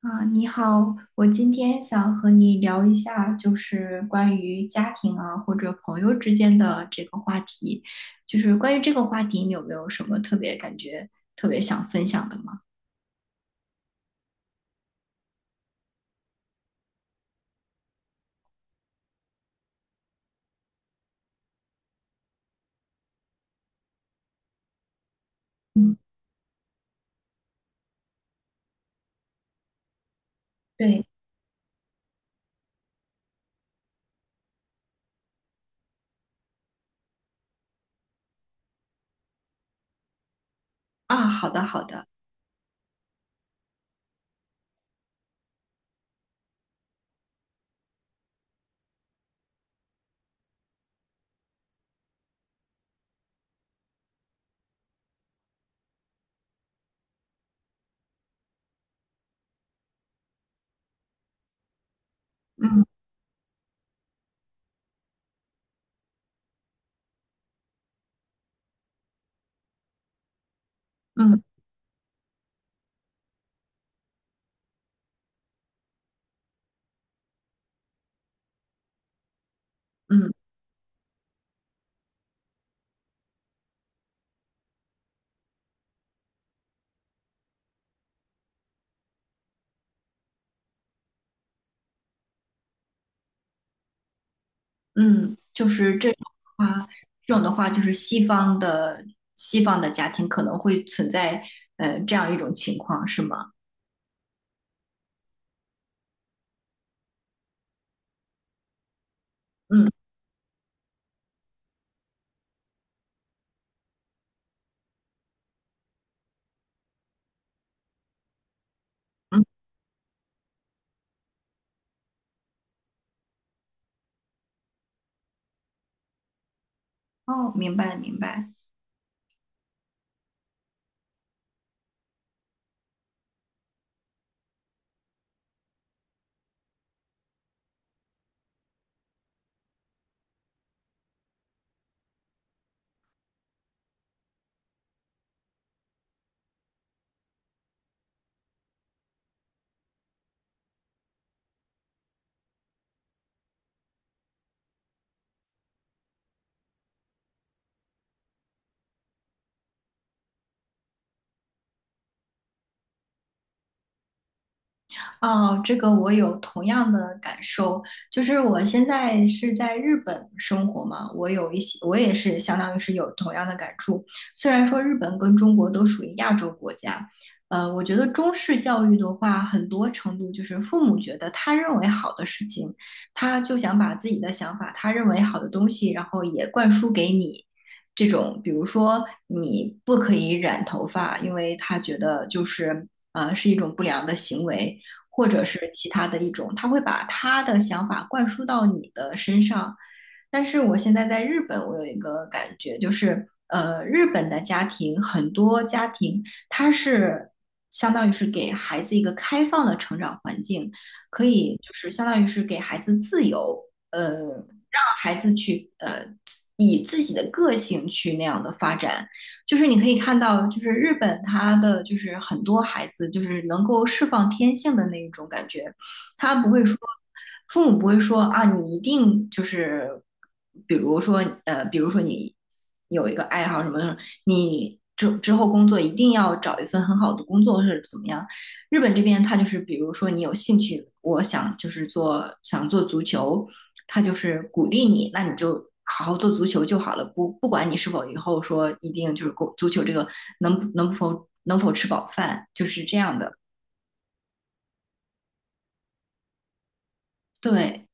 啊，你好，我今天想和你聊一下，就是关于家庭啊或者朋友之间的这个话题。就是关于这个话题，你有没有什么特别感觉、特别想分享的吗？嗯，对，啊，好的，好的，嗯嗯嗯嗯，就是这种的话，的话就是西方的家庭可能会存在这样一种情况，是吗？嗯嗯，哦，明白明白。哦，这个我有同样的感受，就是我现在是在日本生活嘛，我有一些，我也是相当于是有同样的感触。虽然说日本跟中国都属于亚洲国家，我觉得中式教育的话，很多程度就是父母觉得他认为好的事情，他就想把自己的想法，他认为好的东西，然后也灌输给你。这种，比如说你不可以染头发，因为他觉得就是是一种不良的行为。或者是其他的一种，他会把他的想法灌输到你的身上，但是我现在在日本，我有一个感觉，日本的家庭很多家庭，它是相当于是给孩子一个开放的成长环境，可以就是相当于是给孩子自由，呃，让孩子去自己的个性去那样的发展。就是你可以看到，就是日本它的就是很多孩子就是能够释放天性的那一种感觉。他不会说，父母不会说啊，你一定就是，比如说比如说你有一个爱好什么的，你之后工作一定要找一份很好的工作或者怎么样。日本这边他就是，比如说你有兴趣，我想就是想做足球，他就是鼓励你，那你就。好好做足球就好了，不管你是否以后说一定就是足球这个能否吃饱饭，就是这样的。对，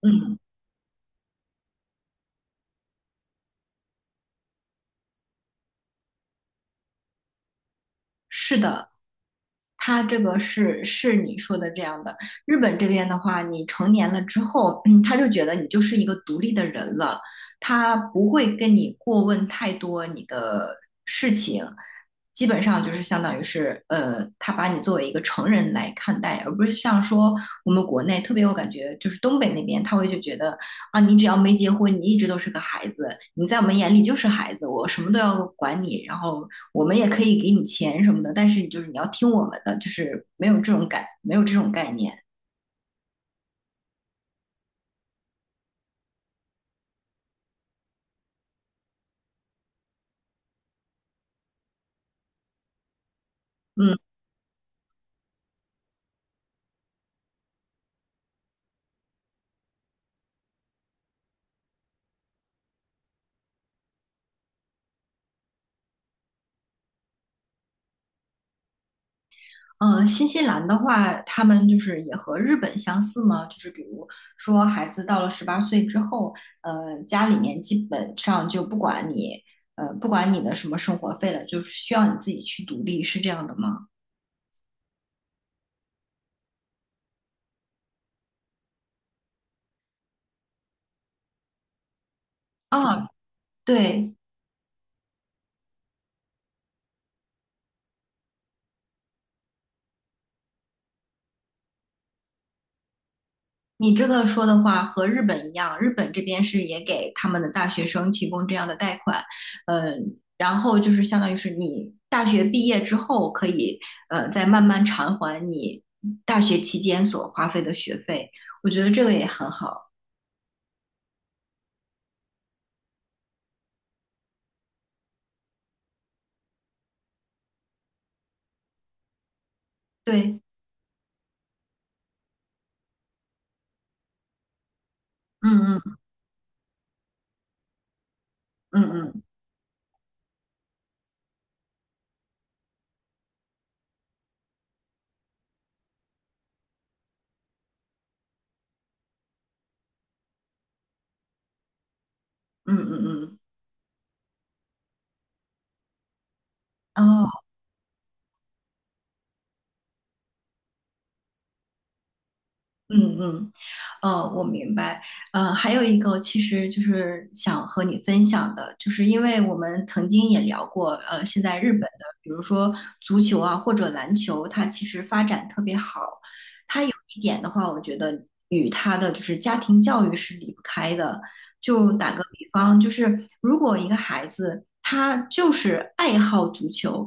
嗯，是的，他这个是你说的这样的。日本这边的话，你成年了之后，嗯，他就觉得你就是一个独立的人了，他不会跟你过问太多你的事情，基本上就是相当于是，他把你作为一个成人来看待，而不是像说我们国内特别，有感觉就是东北那边他会就觉得啊，你只要没结婚，你一直都是个孩子，你在我们眼里就是孩子，我什么都要管你，然后我们也可以给你钱什么的，但是就是你要听我们的，就是没有这种感，没有这种概念，嗯。嗯，新西兰的话，他们就是也和日本相似吗？就是比如说，孩子到了18岁之后，家里面基本上就不管你，不管你的什么生活费了，就是需要你自己去独立，是这样的吗？啊，对，你这个说的话和日本一样，日本这边是也给他们的大学生提供这样的贷款，嗯，然后就是相当于是你大学毕业之后可以，再慢慢偿还你大学期间所花费的学费，我觉得这个也很好。对，嗯嗯嗯嗯嗯嗯嗯，哦。嗯嗯，我明白。还有一个，其实就是想和你分享的，就是因为我们曾经也聊过，现在日本的，比如说足球啊或者篮球，它其实发展特别好。一点的话，我觉得与他的就是家庭教育是离不开的。就打个比方，就是如果一个孩子他就是爱好足球，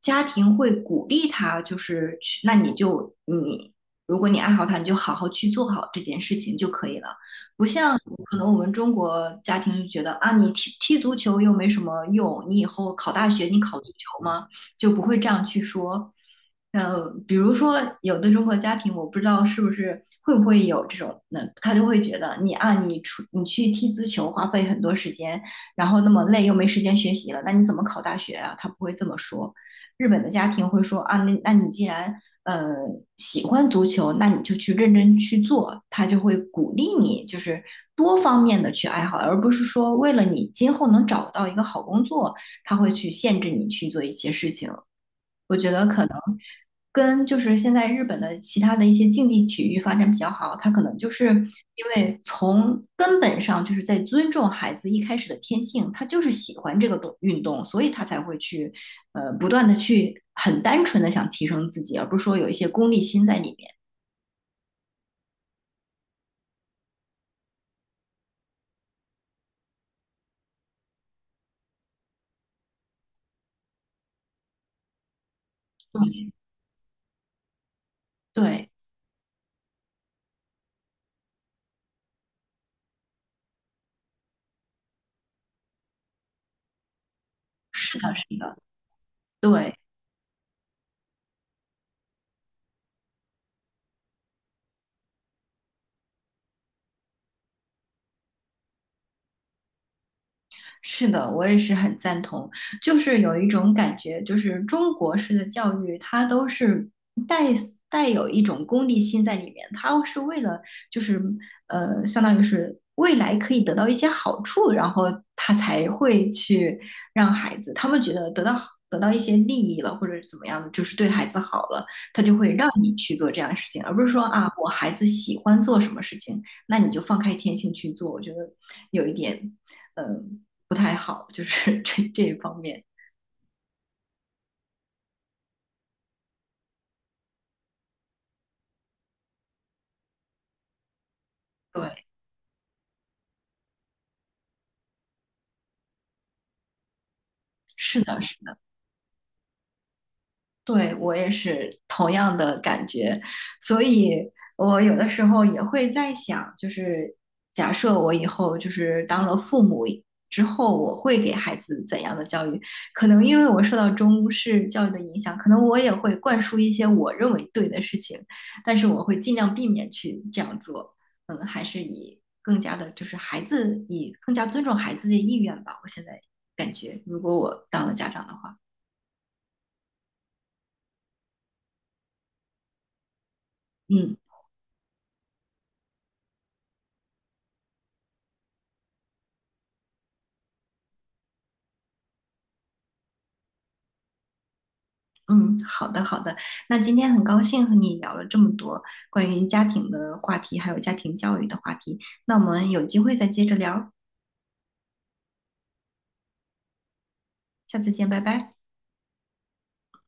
家庭会鼓励他，就是去，那你就你如果你爱好他，你就好好去做好这件事情就可以了。不像可能我们中国家庭就觉得啊，你踢足球又没什么用，你以后考大学你考足球吗？就不会这样去说。比如说有的中国家庭，我不知道是不是会不会有这种，那他就会觉得你啊，你去踢足球花费很多时间，然后那么累又没时间学习了，那你怎么考大学啊？他不会这么说。日本的家庭会说啊，那你既然呃喜欢足球，那你就去认真去做，他就会鼓励你，就是多方面的去爱好，而不是说为了你今后能找到一个好工作，他会去限制你去做一些事情。我觉跟就是现在日本的其他的一些竞技体育发展比较好，他可能就是因为从根本上就是在尊重孩子一开始的天性，他就是喜欢这个运动，所以他才会去不断的去很单纯的想提升自己，而不是说有一些功利心在里面。嗯对，是的，是的，对。是的，我也是很赞同。就是有一种感觉，就是中国式的教育，它都是带带有一种功利心在里面，它是为了就是相当于是未来可以得到一些好处，然后他才会去让孩子，他们觉得得到一些利益了，或者怎么样，的，就是对孩子好了，他就会让你去做这样的事情，而不是说啊，我孩子喜欢做什么事情，那你就放开天性去做。我觉得有一点，嗯、不太好，就是 这一方面。对，是的，对，我也是同样的感觉，所以我有的时候也会在想，就是假设我以后就是当了父母之后，我会给孩子怎样的教育？可能因为我受到中式教育的影响，可能我也会灌输一些我认为对的事情，但是我会尽量避免去这样做。嗯，还是以更加的，就是以更加尊重孩子的意愿吧。我现在感觉，如果我当了家长的话，嗯。嗯，好的好的。那今天很高兴和你聊了这么多关于家庭的话题，还有家庭教育的话题。那我们有机会再接着聊，下次见，拜拜。